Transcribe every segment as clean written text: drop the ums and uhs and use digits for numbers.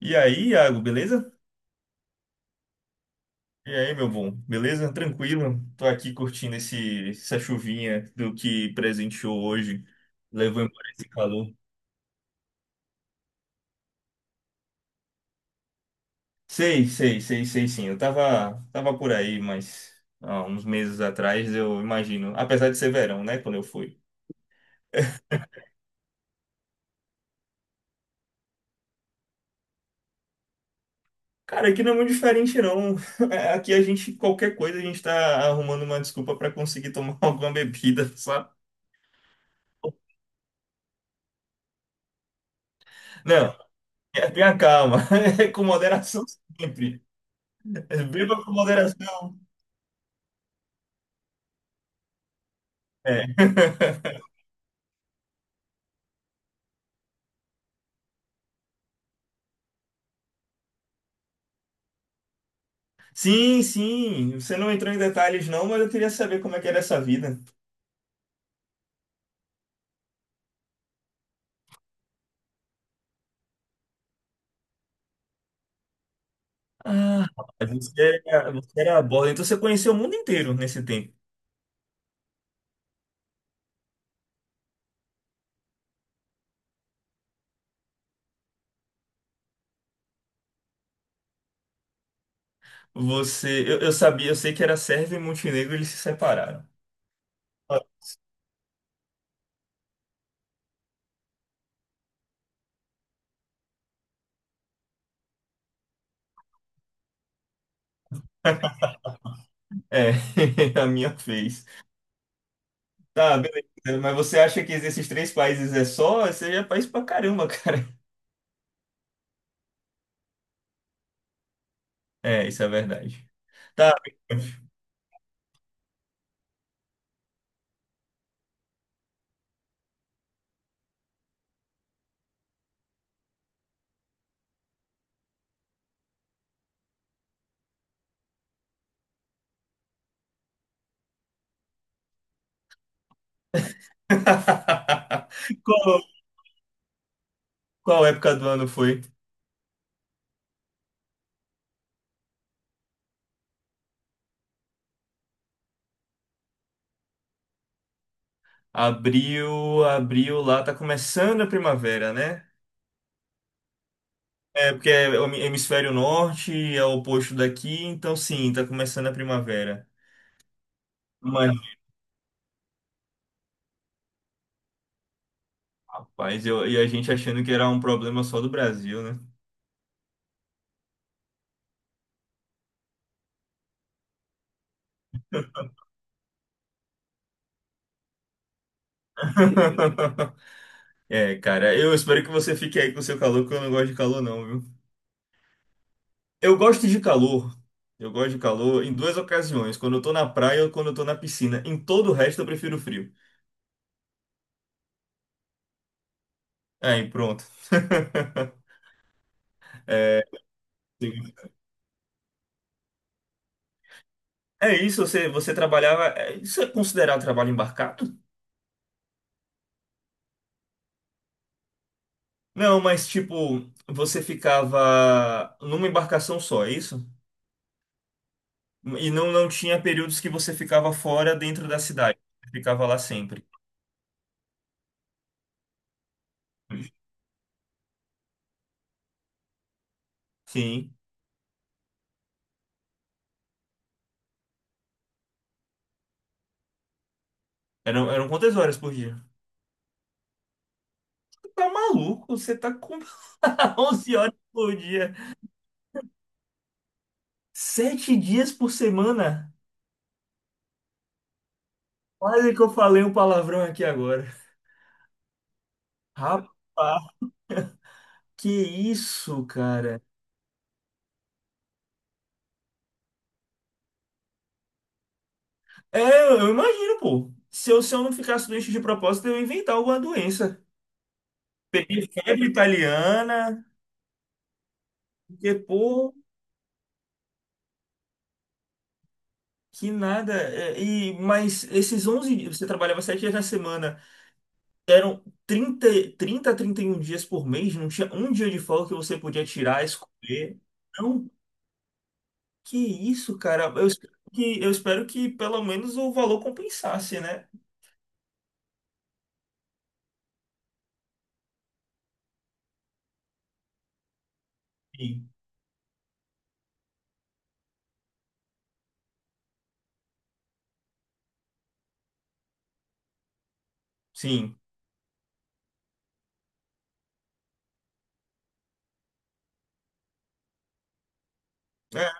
E aí, Iago, beleza? E aí, meu bom, beleza? Tranquilo? Tô aqui curtindo essa chuvinha do que presenteou hoje. Levou embora esse calor. Sei, sei, sei, sei sim. Eu tava por aí, mas há uns meses atrás, eu imagino. Apesar de ser verão, né? Quando eu fui. Cara, aqui não é muito diferente, não. Aqui a gente, qualquer coisa, a gente tá arrumando uma desculpa pra conseguir tomar alguma bebida, sabe? Não, tenha calma. É com moderação sempre. Beba com moderação. É. Sim, sim. Você não entrou em detalhes, não, mas eu queria saber como é que era essa vida. Ah, rapaz, você era a borda, então você conheceu o mundo inteiro nesse tempo. Você, eu sabia, eu sei que era Sérvia e Montenegro, eles se separaram. É, a minha fez. Tá, beleza. Mas você acha que esses três países é só? Você já é país pra caramba, cara. É, isso é verdade. Tá. Qual, qual época do ano foi? Abril, abril lá tá começando a primavera, né? É, porque é o hemisfério norte, é o oposto daqui, então sim, tá começando a primavera. Mas, rapaz, eu, e a gente achando que era um problema só do Brasil, né? É, cara, eu espero que você fique aí com o seu calor, porque eu não gosto de calor, não, viu? Eu gosto de calor. Eu gosto de calor em duas ocasiões, quando eu tô na praia ou quando eu tô na piscina. Em todo o resto, eu prefiro frio. Aí, pronto. É isso, você trabalhava. É, isso é considerado trabalho embarcado? Não, mas tipo, você ficava numa embarcação só, é isso? E não, não tinha períodos que você ficava fora dentro da cidade. Você ficava lá sempre. Sim. Eram quantas horas por dia? Você tá maluco? Você tá com 11 horas por dia. Sete dias por semana? Quase que eu falei um palavrão aqui agora. Rapaz, que isso, cara? É, eu imagino, pô. Se eu não ficasse doente de propósito, eu ia inventar alguma doença. Peguei febre italiana, porque, pô, que nada. É, e, mas esses 11 dias, você trabalhava 7 dias na semana, eram 30 a 31 dias por mês, não tinha um dia de folga que você podia tirar, escolher. Não, que isso, cara. Eu espero que pelo menos o valor compensasse, né? Sim. Sim. É,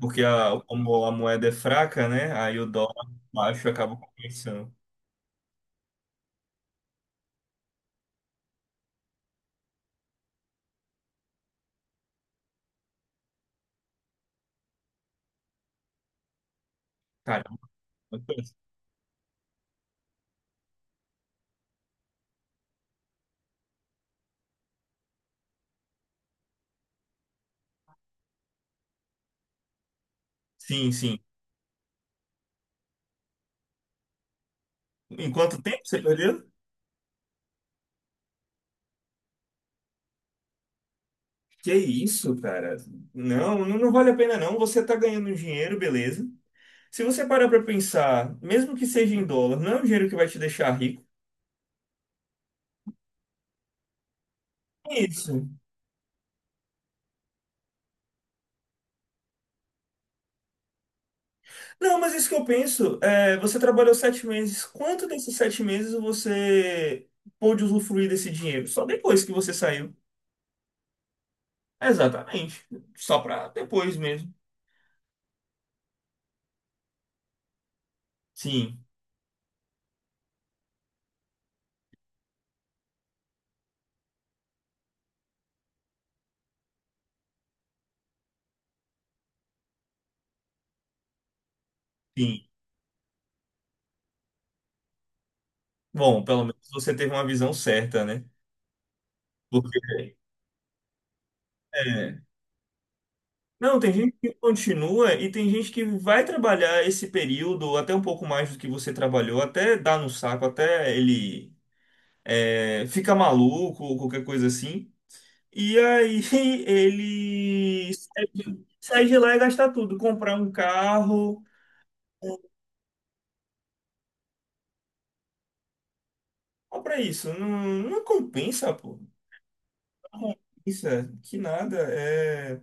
porque a, como a moeda é fraca, né? Aí o dólar baixo acaba compensando. Cara, uma coisa. Sim, sim. Em quanto tempo você perdeu? Que isso, cara? Não, não vale a pena, não. Você tá ganhando dinheiro, beleza. Se você parar pra pensar, mesmo que seja em dólar, não é um dinheiro que vai te deixar rico. É isso. Não, mas isso que eu penso, é, você trabalhou 7 meses. Quanto desses 7 meses você pôde usufruir desse dinheiro? Só depois que você saiu. Exatamente. Só pra depois mesmo. Sim, sim. Bom, pelo menos você teve uma visão certa, né? Porque é, não, tem gente que continua e tem gente que vai trabalhar esse período até um pouco mais do que você trabalhou, até dar no saco, até ele fica maluco ou qualquer coisa assim. E aí ele sai de lá e gasta tudo, comprar um carro, compra isso. Não, não compensa, pô. Não compensa, que nada. É.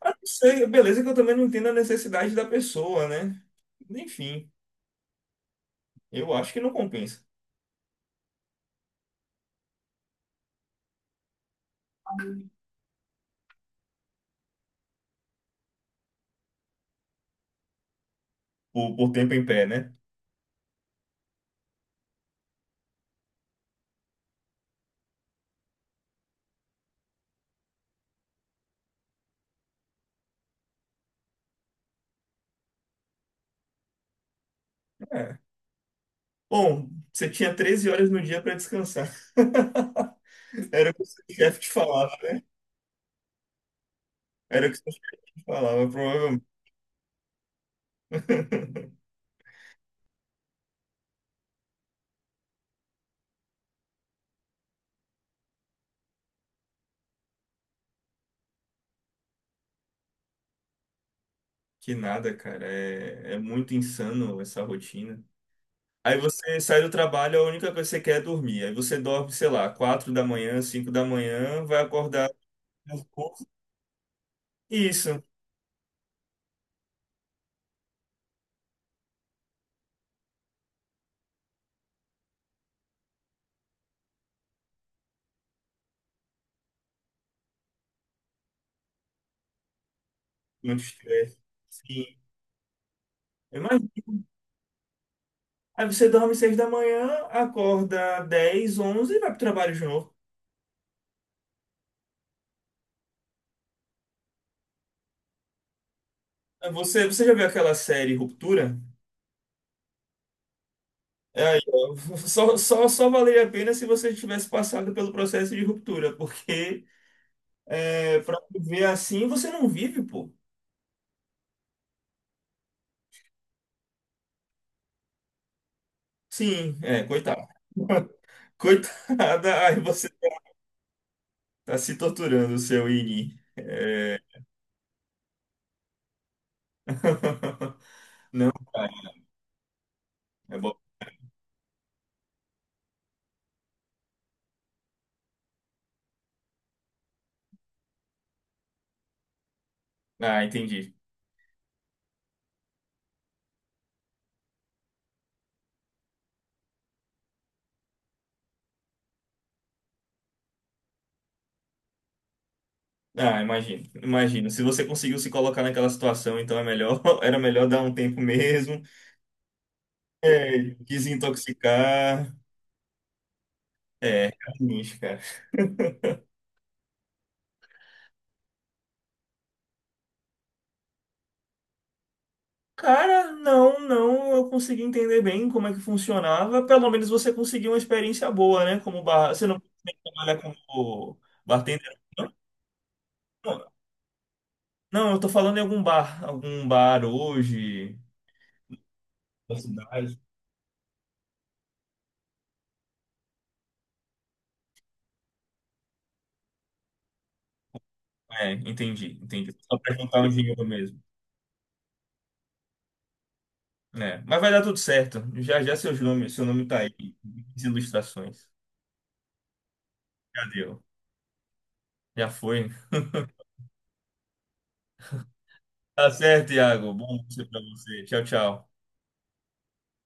Ah, não sei, beleza que eu também não entendo a necessidade da pessoa, né? Enfim, eu acho que não compensa. Por tempo em pé, né? É. Bom, você tinha 13 horas no dia para descansar. Era o que o seu chefe te falava. Era o que o seu chefe falava, provavelmente. Que nada, cara. É, é muito insano essa rotina. Aí você sai do trabalho, a única coisa que você quer é dormir. Aí você dorme, sei lá, 4 da manhã, 5 da manhã, vai acordar. Isso. Muito estresse. Sim. Imagina. Aí você dorme 6 da manhã, acorda 10, 11 e vai pro trabalho de novo. Aí, você já viu aquela série Ruptura? É aí, ó, só valeria a pena se você tivesse passado pelo processo de ruptura, porque é, pra viver assim você não vive, pô. Sim, é, coitado. Coitada, aí você tá se torturando, seu Ini. É... é bom. Ah, entendi. Ah, imagino, imagino. Se você conseguiu se colocar naquela situação, então é melhor, era melhor dar um tempo mesmo. É, desintoxicar. É, carniz, cara. Cara, não, não, eu consegui entender bem como é que funcionava. Pelo menos você conseguiu uma experiência boa, né? Como bar. Você não trabalha como bartender? Não, não. Não, eu tô falando em algum bar hoje. Da cidade. É, entendi, entendi. Só pra juntar um dinheiro mesmo. É, mas vai dar tudo certo. Já já seus nomes, seu nome tá aí. As ilustrações. Já deu. Já foi. Tá certo, Iago. Bom dia pra você. Tchau, tchau.